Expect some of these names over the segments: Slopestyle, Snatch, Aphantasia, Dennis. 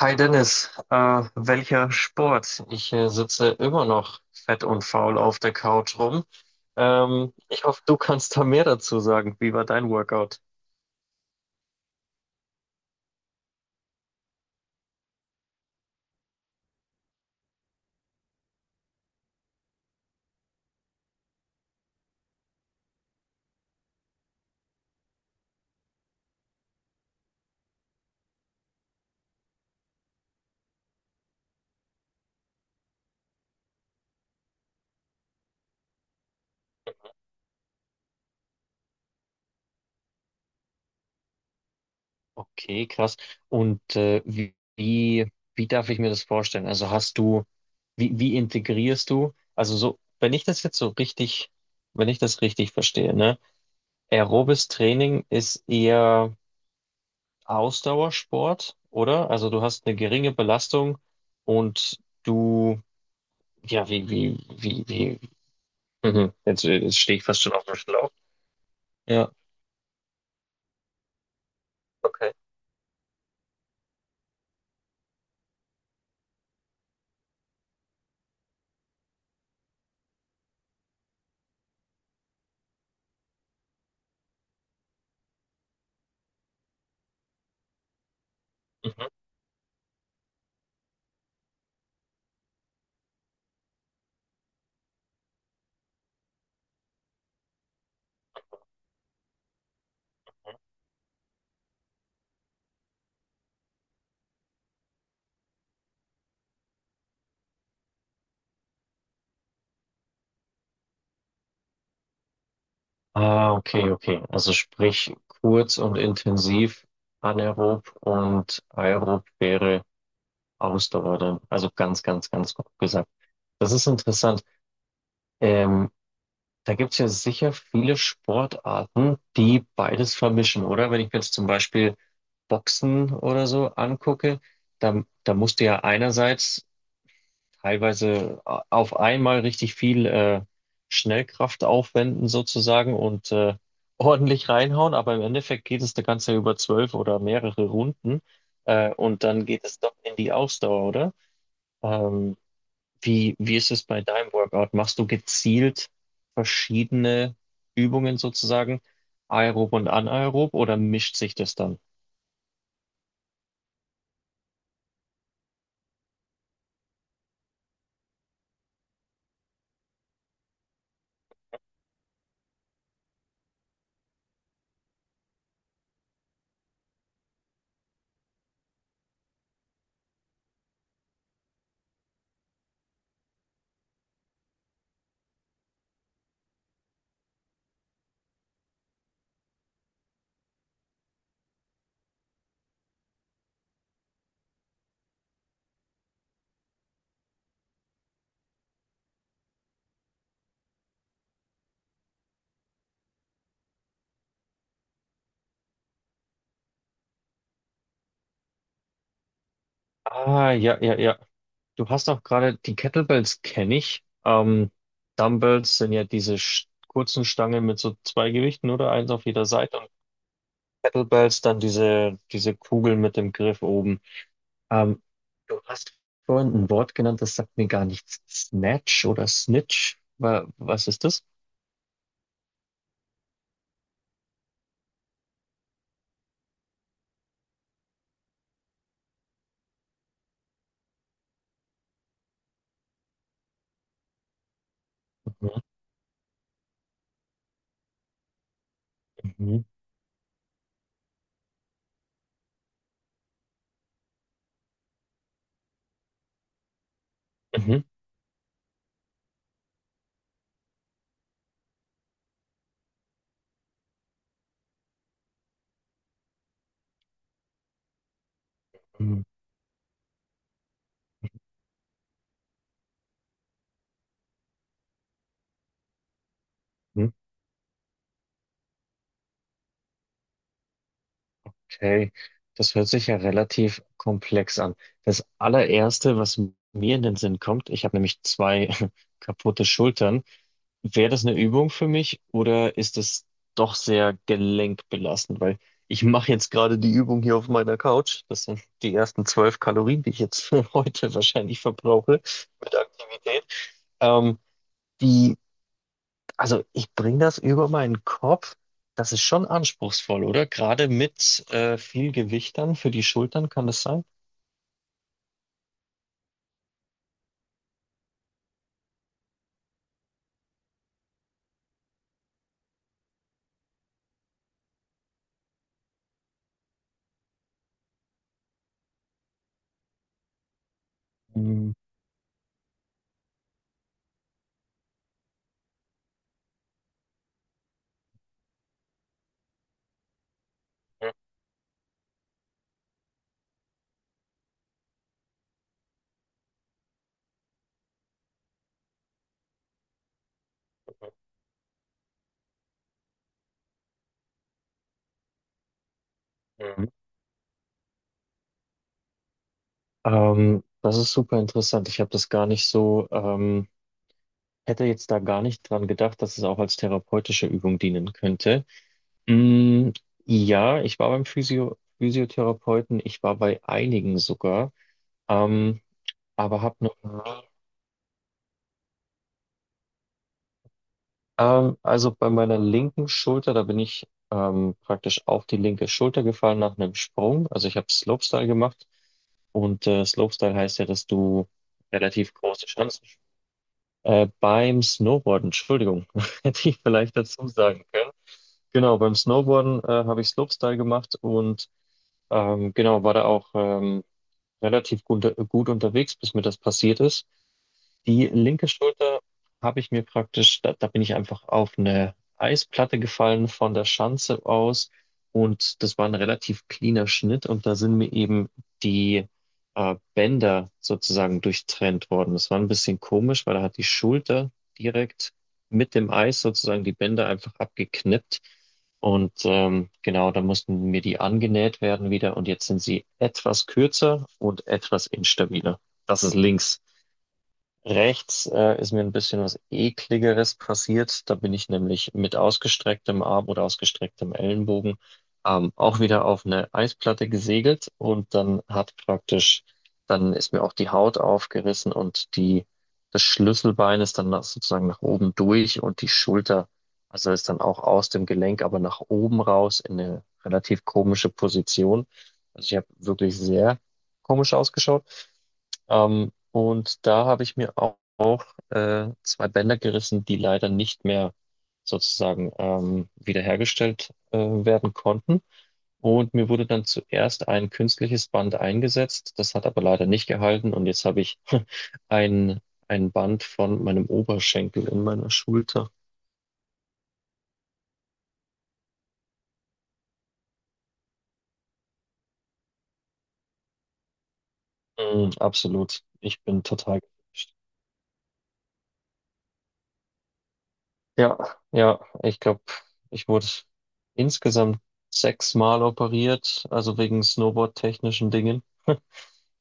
Hi Dennis, welcher Sport? Ich sitze immer noch fett und faul auf der Couch rum. Ich hoffe, du kannst da mehr dazu sagen. Wie war dein Workout? Okay, krass. Und wie darf ich mir das vorstellen? Wie integrierst du? Also so, wenn ich das jetzt so richtig, wenn ich das richtig verstehe, ne? Aerobes Training ist eher Ausdauersport, oder? Also du hast eine geringe Belastung und du Ja. wie, wie, wie, wie. Mhm. Jetzt stehe ich fast schon auf dem Schlauch. Ja, okay. Mhm. Ah, okay, okay. Also sprich, kurz und intensiv anaerob und aerob wäre Ausdauer dann. Also ganz, ganz, ganz grob gesagt. Das ist interessant. Ähm, Da gibt's ja sicher viele Sportarten, die beides vermischen, oder? Wenn ich mir jetzt zum Beispiel Boxen oder so angucke, da musst du ja einerseits teilweise auf einmal richtig viel Schnellkraft aufwenden sozusagen und ordentlich reinhauen, aber im Endeffekt geht es eine ganze über 12 oder mehrere Runden und dann geht es doch in die Ausdauer, oder? Ähm, wie ist es bei deinem Workout? Machst du gezielt verschiedene Übungen sozusagen, aerob und anaerob, oder mischt sich das dann? Ah, ja, ja, ja. Du hast auch gerade die Kettlebells kenne ich. Dumbbells sind ja diese kurzen Stangen mit so zwei Gewichten oder eins auf jeder Seite und Kettlebells dann diese Kugel mit dem Griff oben. Ähm, Du hast vorhin ein Wort genannt, das sagt mir gar nichts. Snatch oder Snitch? Was ist das? Mhm, mhm, mhm, mhm. Okay, das hört sich ja relativ komplex an. Das allererste, was mir in den Sinn kommt, ich habe nämlich zwei kaputte Schultern. Wäre das eine Übung für mich oder ist es doch sehr gelenkbelastend? Weil ich mache jetzt gerade die Übung hier auf meiner Couch. Das sind die ersten 12 Kalorien, die ich jetzt heute wahrscheinlich verbrauche mit Aktivität. Ähm, die, also ich bringe das über meinen Kopf. Das ist schon anspruchsvoll, oder? Gerade mit viel Gewicht dann für die Schultern kann das sein? Mhm. Mhm. Das ist super interessant. Ich habe das gar nicht so. Hätte jetzt da gar nicht dran gedacht, dass es auch als therapeutische Übung dienen könnte. Mm, ja, ich war beim Physiotherapeuten, ich war bei einigen sogar, ähm, aber habe noch nie. Also bei meiner linken Schulter, da bin ich praktisch auf die linke Schulter gefallen nach einem Sprung. Also ich habe Slopestyle gemacht und Slopestyle heißt ja, dass du relativ große Chancen Beim Snowboarden, Entschuldigung, hätte ich vielleicht dazu sagen können. Genau, beim Snowboarden habe ich Slopestyle gemacht und genau, war da auch. Relativ gut unterwegs, bis mir das passiert ist. Die linke Schulter habe ich mir praktisch, da bin ich einfach auf eine Eisplatte gefallen von der Schanze aus und das war ein relativ cleaner Schnitt und da sind mir eben die Bänder sozusagen durchtrennt worden. Das war ein bisschen komisch, weil da hat die Schulter direkt mit dem Eis sozusagen die Bänder einfach abgeknippt. Und genau, da mussten mir die angenäht werden wieder und jetzt sind sie etwas kürzer und etwas instabiler. Das ist links. Rechts ist mir ein bisschen was Ekligeres passiert. Da bin ich nämlich mit ausgestrecktem Arm oder ausgestrecktem Ellenbogen auch wieder auf eine Eisplatte gesegelt und dann hat praktisch, dann ist mir auch die Haut aufgerissen und die, das Schlüsselbein ist dann nach, sozusagen nach oben durch und die Schulter, also ist dann auch aus dem Gelenk, aber nach oben raus in eine relativ komische Position. Also ich habe wirklich sehr komisch ausgeschaut. Und da habe ich mir auch zwei Bänder gerissen, die leider nicht mehr sozusagen wiederhergestellt werden konnten. Und mir wurde dann zuerst ein künstliches Band eingesetzt, das hat aber leider nicht gehalten. Und jetzt habe ich ein, ein Band von meinem Oberschenkel in meiner Schulter. Mm, absolut. Ich bin total. Ja, ja, ich glaube, ich wurde insgesamt 6-mal operiert, also wegen Snowboard-technischen Dingen.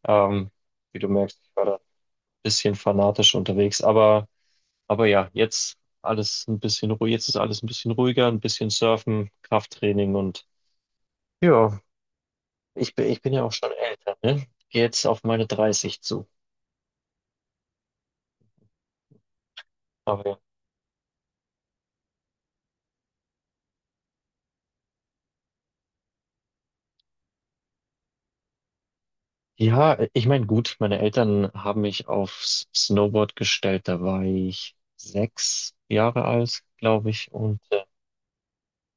Ähm, Wie du merkst, ich war da ein bisschen fanatisch unterwegs, aber ja, jetzt alles ein bisschen ruhig, jetzt ist alles ein bisschen ruhiger, ein bisschen Surfen, Krafttraining und ja, ich bin ja auch schon älter, ne? Geh jetzt auf meine 30 zu. Aber ja. Ja, ich meine, gut, meine Eltern haben mich aufs Snowboard gestellt. Da war ich 6 Jahre alt, glaube ich. Und äh,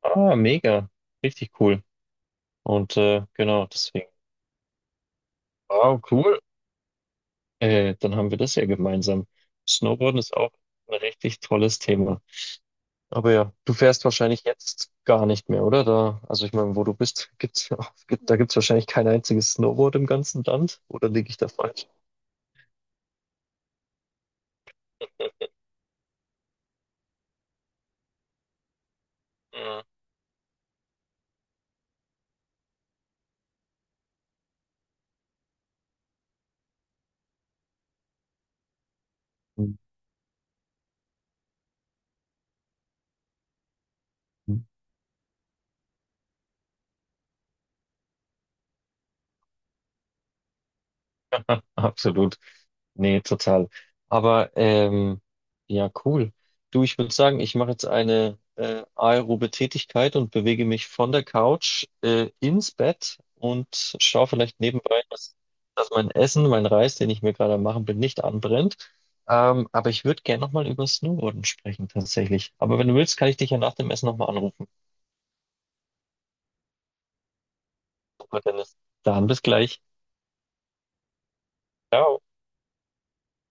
ah, mega, richtig cool. Und genau, deswegen, wow, cool. Dann haben wir das ja gemeinsam. Snowboarden ist auch ein richtig tolles Thema. Aber ja, du fährst wahrscheinlich jetzt gar nicht mehr, oder? Da, also ich meine, wo du bist, gibt's, gibt, da gibt's wahrscheinlich kein einziges Snowboard im ganzen Land. Oder liege ich da falsch? Mhm. Absolut. Nee, total. Aber ja, cool. Du, ich würde sagen, ich mache jetzt eine aerobe Tätigkeit und bewege mich von der Couch ins Bett und schaue vielleicht nebenbei, dass, dass mein Essen, mein Reis, den ich mir gerade am machen bin, nicht anbrennt. Aber ich würde gerne nochmal über Snowboarden sprechen, tatsächlich. Aber wenn du willst, kann ich dich ja nach dem Essen nochmal anrufen. Super, Dennis. Dann bis gleich. Ciao.